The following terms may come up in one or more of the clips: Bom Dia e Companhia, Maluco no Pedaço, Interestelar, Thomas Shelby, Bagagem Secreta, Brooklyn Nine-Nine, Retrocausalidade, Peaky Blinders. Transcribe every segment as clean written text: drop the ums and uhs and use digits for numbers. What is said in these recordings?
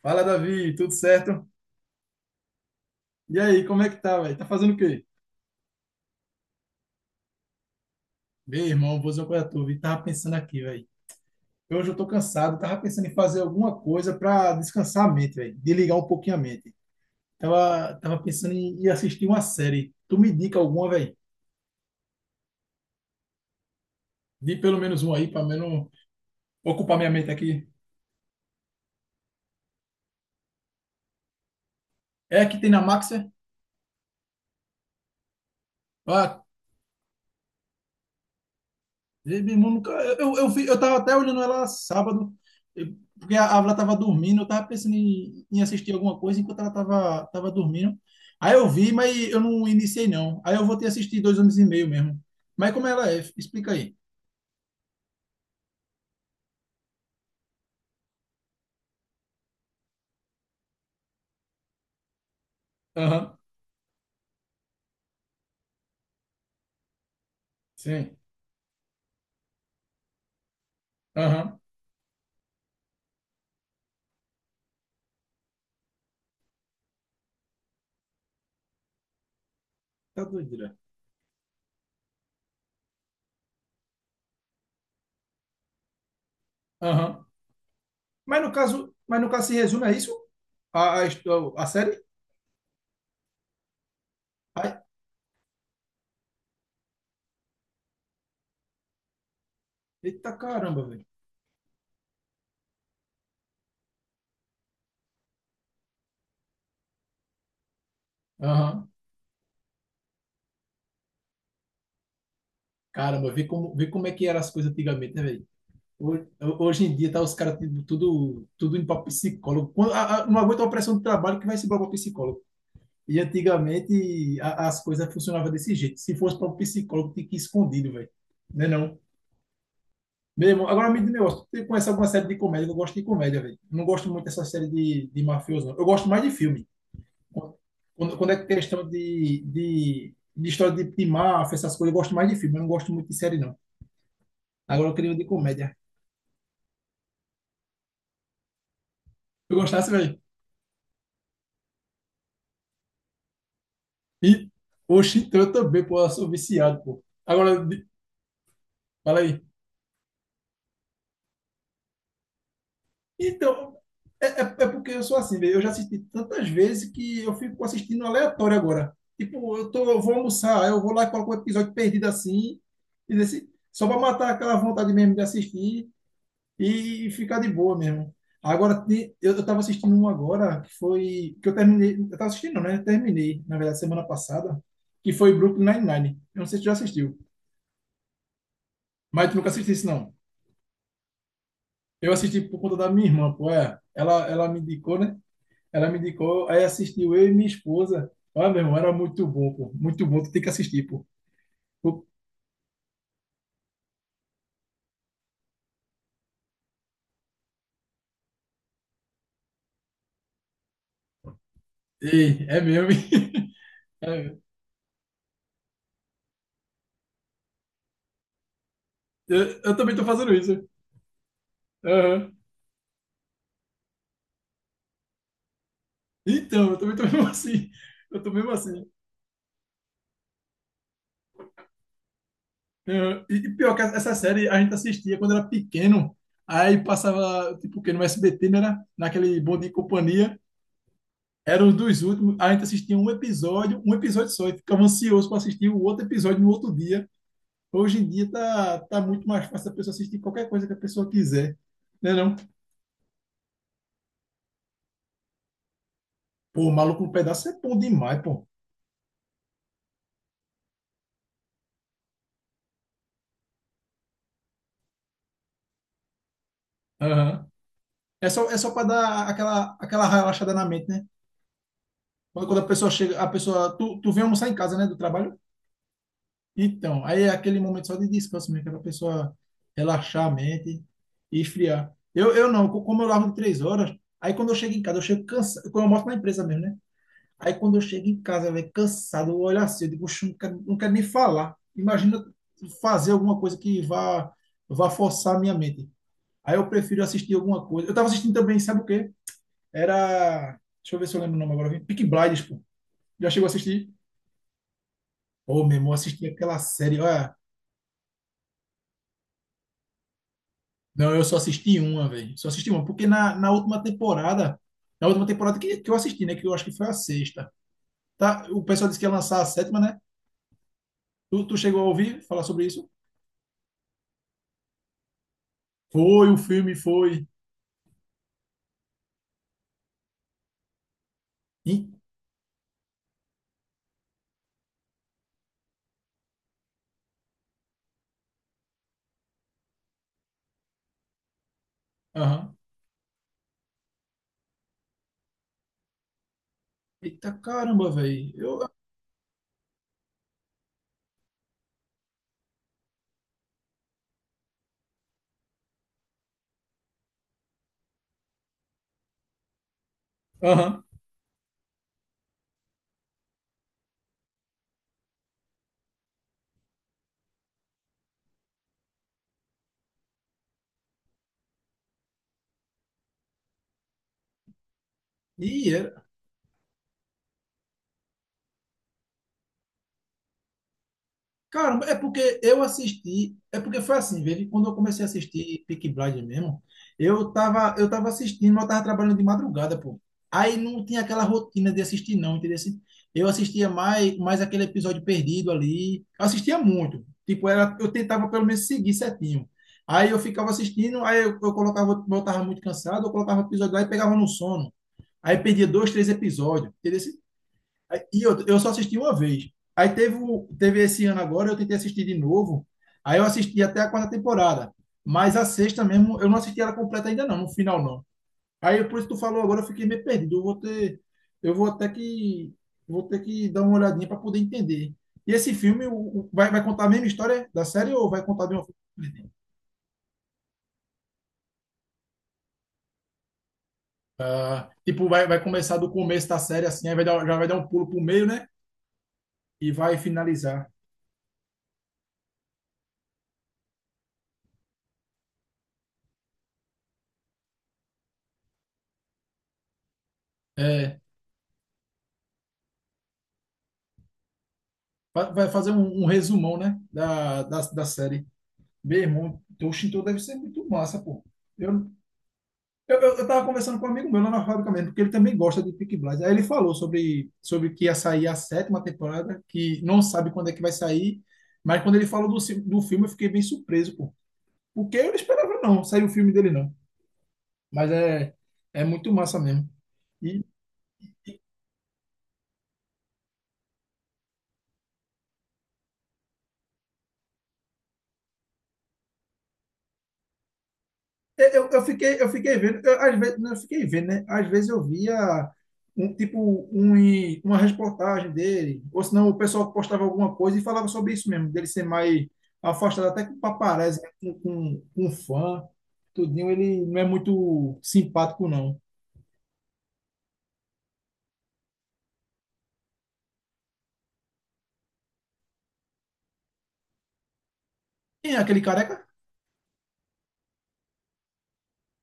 Fala, Davi, tudo certo? E aí, como é que tá, velho? Tá fazendo o quê? Meu irmão, vou dizer uma coisa a tu, vi. Tava pensando aqui, velho. Hoje eu tô cansado, tava pensando em fazer alguma coisa pra descansar a mente, velho. Desligar um pouquinho a mente. Tava pensando em assistir uma série. Tu me indica alguma, velho? Di pelo menos uma aí, pra menos ocupar minha mente aqui. É a que tem na Max, é? Meu irmão, eu tava até olhando ela sábado, eh, porque a Ávila tava dormindo, eu tava pensando em assistir alguma coisa enquanto ela tava dormindo. Aí eu vi, mas eu não iniciei não. Aí eu vou ter assistido dois homens e meio mesmo. Mas como ela é? Explica aí. Aham, sim. Aham. Tá doideira. Aham. Mas no caso se resume a isso? A série? Ai, eita caramba, velho. Aham. Caramba, vê como é que eram as coisas antigamente, né, velho? Ho- Hoje em dia tá os caras tudo, tudo indo para psicólogo. Não aguenta a pressão do trabalho que vai se para psicólogo. E antigamente as coisas funcionavam desse jeito. Se fosse para o psicólogo, tinha que ir escondido, velho. Né não? Mesmo, agora me diz um negócio. Tu conhece alguma série de comédia? Eu gosto de comédia, velho. Eu não gosto muito dessa série de mafioso, não. Eu gosto mais de filme. Quando é questão de história de máfia, essas coisas, eu gosto mais de filme. Eu não gosto muito de série, não. Agora eu queria uma de comédia. Tu gostasse, velho? E, oxe, então também, pô, eu sou viciado, pô. Agora, fala aí. Então, é porque eu sou assim, velho. Eu já assisti tantas vezes que eu fico assistindo aleatório agora. Tipo, eu vou almoçar, aí eu vou lá e coloco um episódio perdido assim, e desse só pra matar aquela vontade mesmo de assistir e ficar de boa mesmo. Agora, eu tava assistindo um agora, que foi, que eu terminei, eu tava assistindo, não, né? Eu terminei, na verdade, semana passada, que foi Brooklyn Nine-Nine. Eu não sei se tu já assistiu, mas tu nunca assististe, não. Eu assisti por conta da minha irmã, pô, é. Ela me indicou, né? Ela me indicou, aí assistiu eu e minha esposa. Olha, meu irmão, era muito bom, pô. Muito bom, tu tem que assistir, pô. Pô, ei, é mesmo, hein? É. Eu, eu também tô fazendo isso. Aham. Então, eu também tô mesmo assim. Eu tô mesmo assim. Aham. E pior que essa série a gente assistia quando era pequeno. Aí passava, tipo, que no SBT, né, era? Naquele Bom Dia e Companhia. Era um dos últimos. A gente assistia um episódio só, e ficava ansioso para assistir o outro episódio no outro dia. Hoje em dia tá muito mais fácil a pessoa assistir qualquer coisa que a pessoa quiser. Né não? Pô, Maluco no Pedaço é bom demais, pô. Aham. É só para dar aquela relaxada na mente, né? Quando a pessoa chega, a pessoa. Tu vem almoçar em casa, né? Do trabalho? Então, aí é aquele momento só de descanso mesmo, que é pra pessoa relaxar a mente e esfriar. Eu não, como eu largo de três horas, aí quando eu chego em casa, eu chego cansado. Quando eu mostro na empresa mesmo, né? Aí quando eu chego em casa, velho, cansado, eu olho assim, eu digo: "Oxe, não quero nem falar. Imagina fazer alguma coisa que vá forçar a minha mente." Aí eu prefiro assistir alguma coisa. Eu tava assistindo também, sabe o quê? Era. Deixa eu ver se eu lembro o nome agora. Peaky Blinders, pô. Já chegou a assistir? Ô, meu irmão, eu assisti aquela série. Olha, não, eu só assisti uma, velho. Só assisti uma. Porque na última temporada. Na última temporada que eu assisti, né? Que eu acho que foi a sexta. Tá? O pessoal disse que ia lançar a sétima, né? Tu chegou a ouvir falar sobre isso? Foi, o filme foi. E- Aham. Eita caramba, velho. Eu. Aham. Ih, era. Caramba, é porque eu assisti. É porque foi assim, velho. Quando eu comecei a assistir Peaky Blinders mesmo, eu tava assistindo, mas eu tava trabalhando de madrugada, pô. Aí não tinha aquela rotina de assistir, não, entendeu? Assim, eu assistia mais aquele episódio perdido ali. Eu assistia muito. Tipo, era, eu tentava pelo menos seguir certinho. Aí eu ficava assistindo, aí eu colocava, eu tava muito cansado, eu colocava o episódio lá e pegava no sono. Aí perdia dois, três episódios, entendeu? Assim, e eu só assisti uma vez. Aí teve esse ano agora, eu tentei assistir de novo. Aí eu assisti até a quarta temporada. Mas a sexta mesmo, eu não assisti ela completa ainda não, no final não. Aí por isso que tu falou agora, eu fiquei meio perdido. Eu vou ter, eu vou até que, vou ter que dar uma olhadinha para poder entender. E esse filme vai contar a mesma história da série ou vai contar de uma forma? Ah, tipo, vai começar do começo da série assim, aí vai dar, já vai dar um pulo pro meio, né? E vai finalizar. Vai fazer um resumão, né? Da série. Meu irmão, o Shinto deve ser muito massa, pô. Eu, eu tava conversando com um amigo meu lá na fábrica mesmo, porque ele também gosta de Peaky Blinders. Aí ele falou sobre que ia sair a sétima temporada, que não sabe quando é que vai sair, mas quando ele falou do filme eu fiquei bem surpreso, pô. Porque eu não esperava não, sair o filme dele não. Mas é muito massa mesmo. Eu fiquei vendo, eu, às vezes, não, eu fiquei vendo, né? Às vezes eu via um tipo uma reportagem dele, ou senão o pessoal postava alguma coisa e falava sobre isso mesmo, dele ser mais afastado até com paparazzi, né? com fã, tudinho, ele não é muito simpático, não. Quem é aquele careca?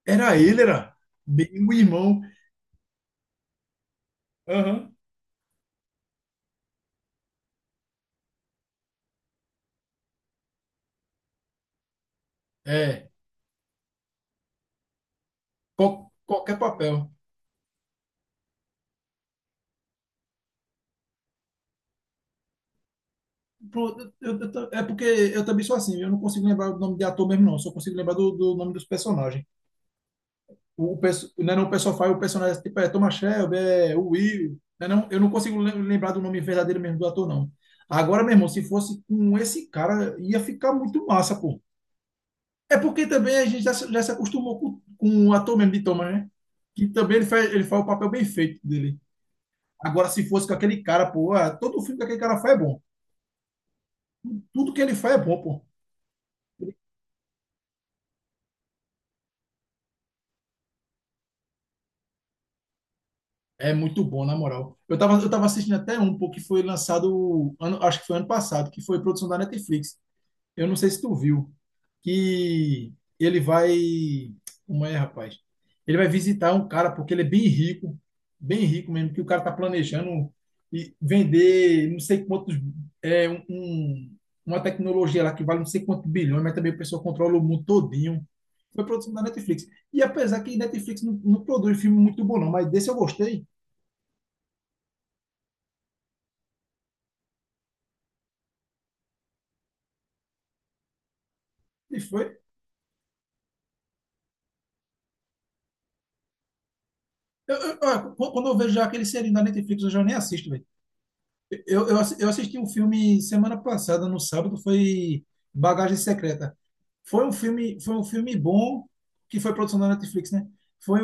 Era ele, era bem o irmão. Aham. É, qualquer papel. Pronto, é porque eu também sou assim, eu não consigo lembrar o nome de ator mesmo, não, só consigo lembrar do nome dos personagens. Não é não, o pessoal faz o personagem tipo é Thomas Shelby, é o Will. Não é não, eu não consigo lembrar do nome verdadeiro mesmo do ator, não. Agora, meu irmão, se fosse com esse cara, ia ficar muito massa, pô. É porque também a gente já, já se acostumou com o ator mesmo de Thomas, né? Que também ele faz o papel bem feito dele. Agora, se fosse com aquele cara, pô, ah, todo filme que aquele cara faz é bom. Tudo que ele faz é bom, pô. É muito bom, na moral. Eu tava assistindo até um, pô, que foi lançado, ano, acho que foi ano passado, que foi produção da Netflix. Eu não sei se tu viu que ele vai. Como é, rapaz? Ele vai visitar um cara porque ele é bem rico mesmo, que o cara tá planejando e vender não sei quantos. É, um, uma tecnologia lá que vale não sei quantos bilhões, mas também o pessoal controla o mundo todinho. Foi produção da Netflix. E apesar que Netflix não produz filme muito bom, não, mas desse eu gostei. E foi. Ó, quando eu vejo já aquele serinho da Netflix, eu já nem assisto. Eu assisti um filme semana passada, no sábado, foi Bagagem Secreta. Foi um filme bom, que foi produção da Netflix, né? Foi,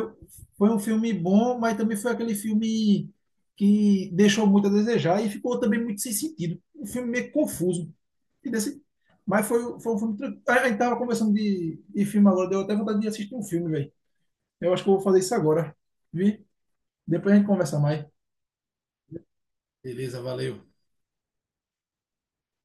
foi um filme bom, mas também foi aquele filme que deixou muito a desejar e ficou também muito sem sentido. Um filme meio confuso. Entendeu? Assim, mas foi um filme. A gente tava conversando de filme agora, deu até vontade de assistir um filme, velho. Eu acho que eu vou fazer isso agora, vi? Depois a gente conversa mais. Beleza, valeu.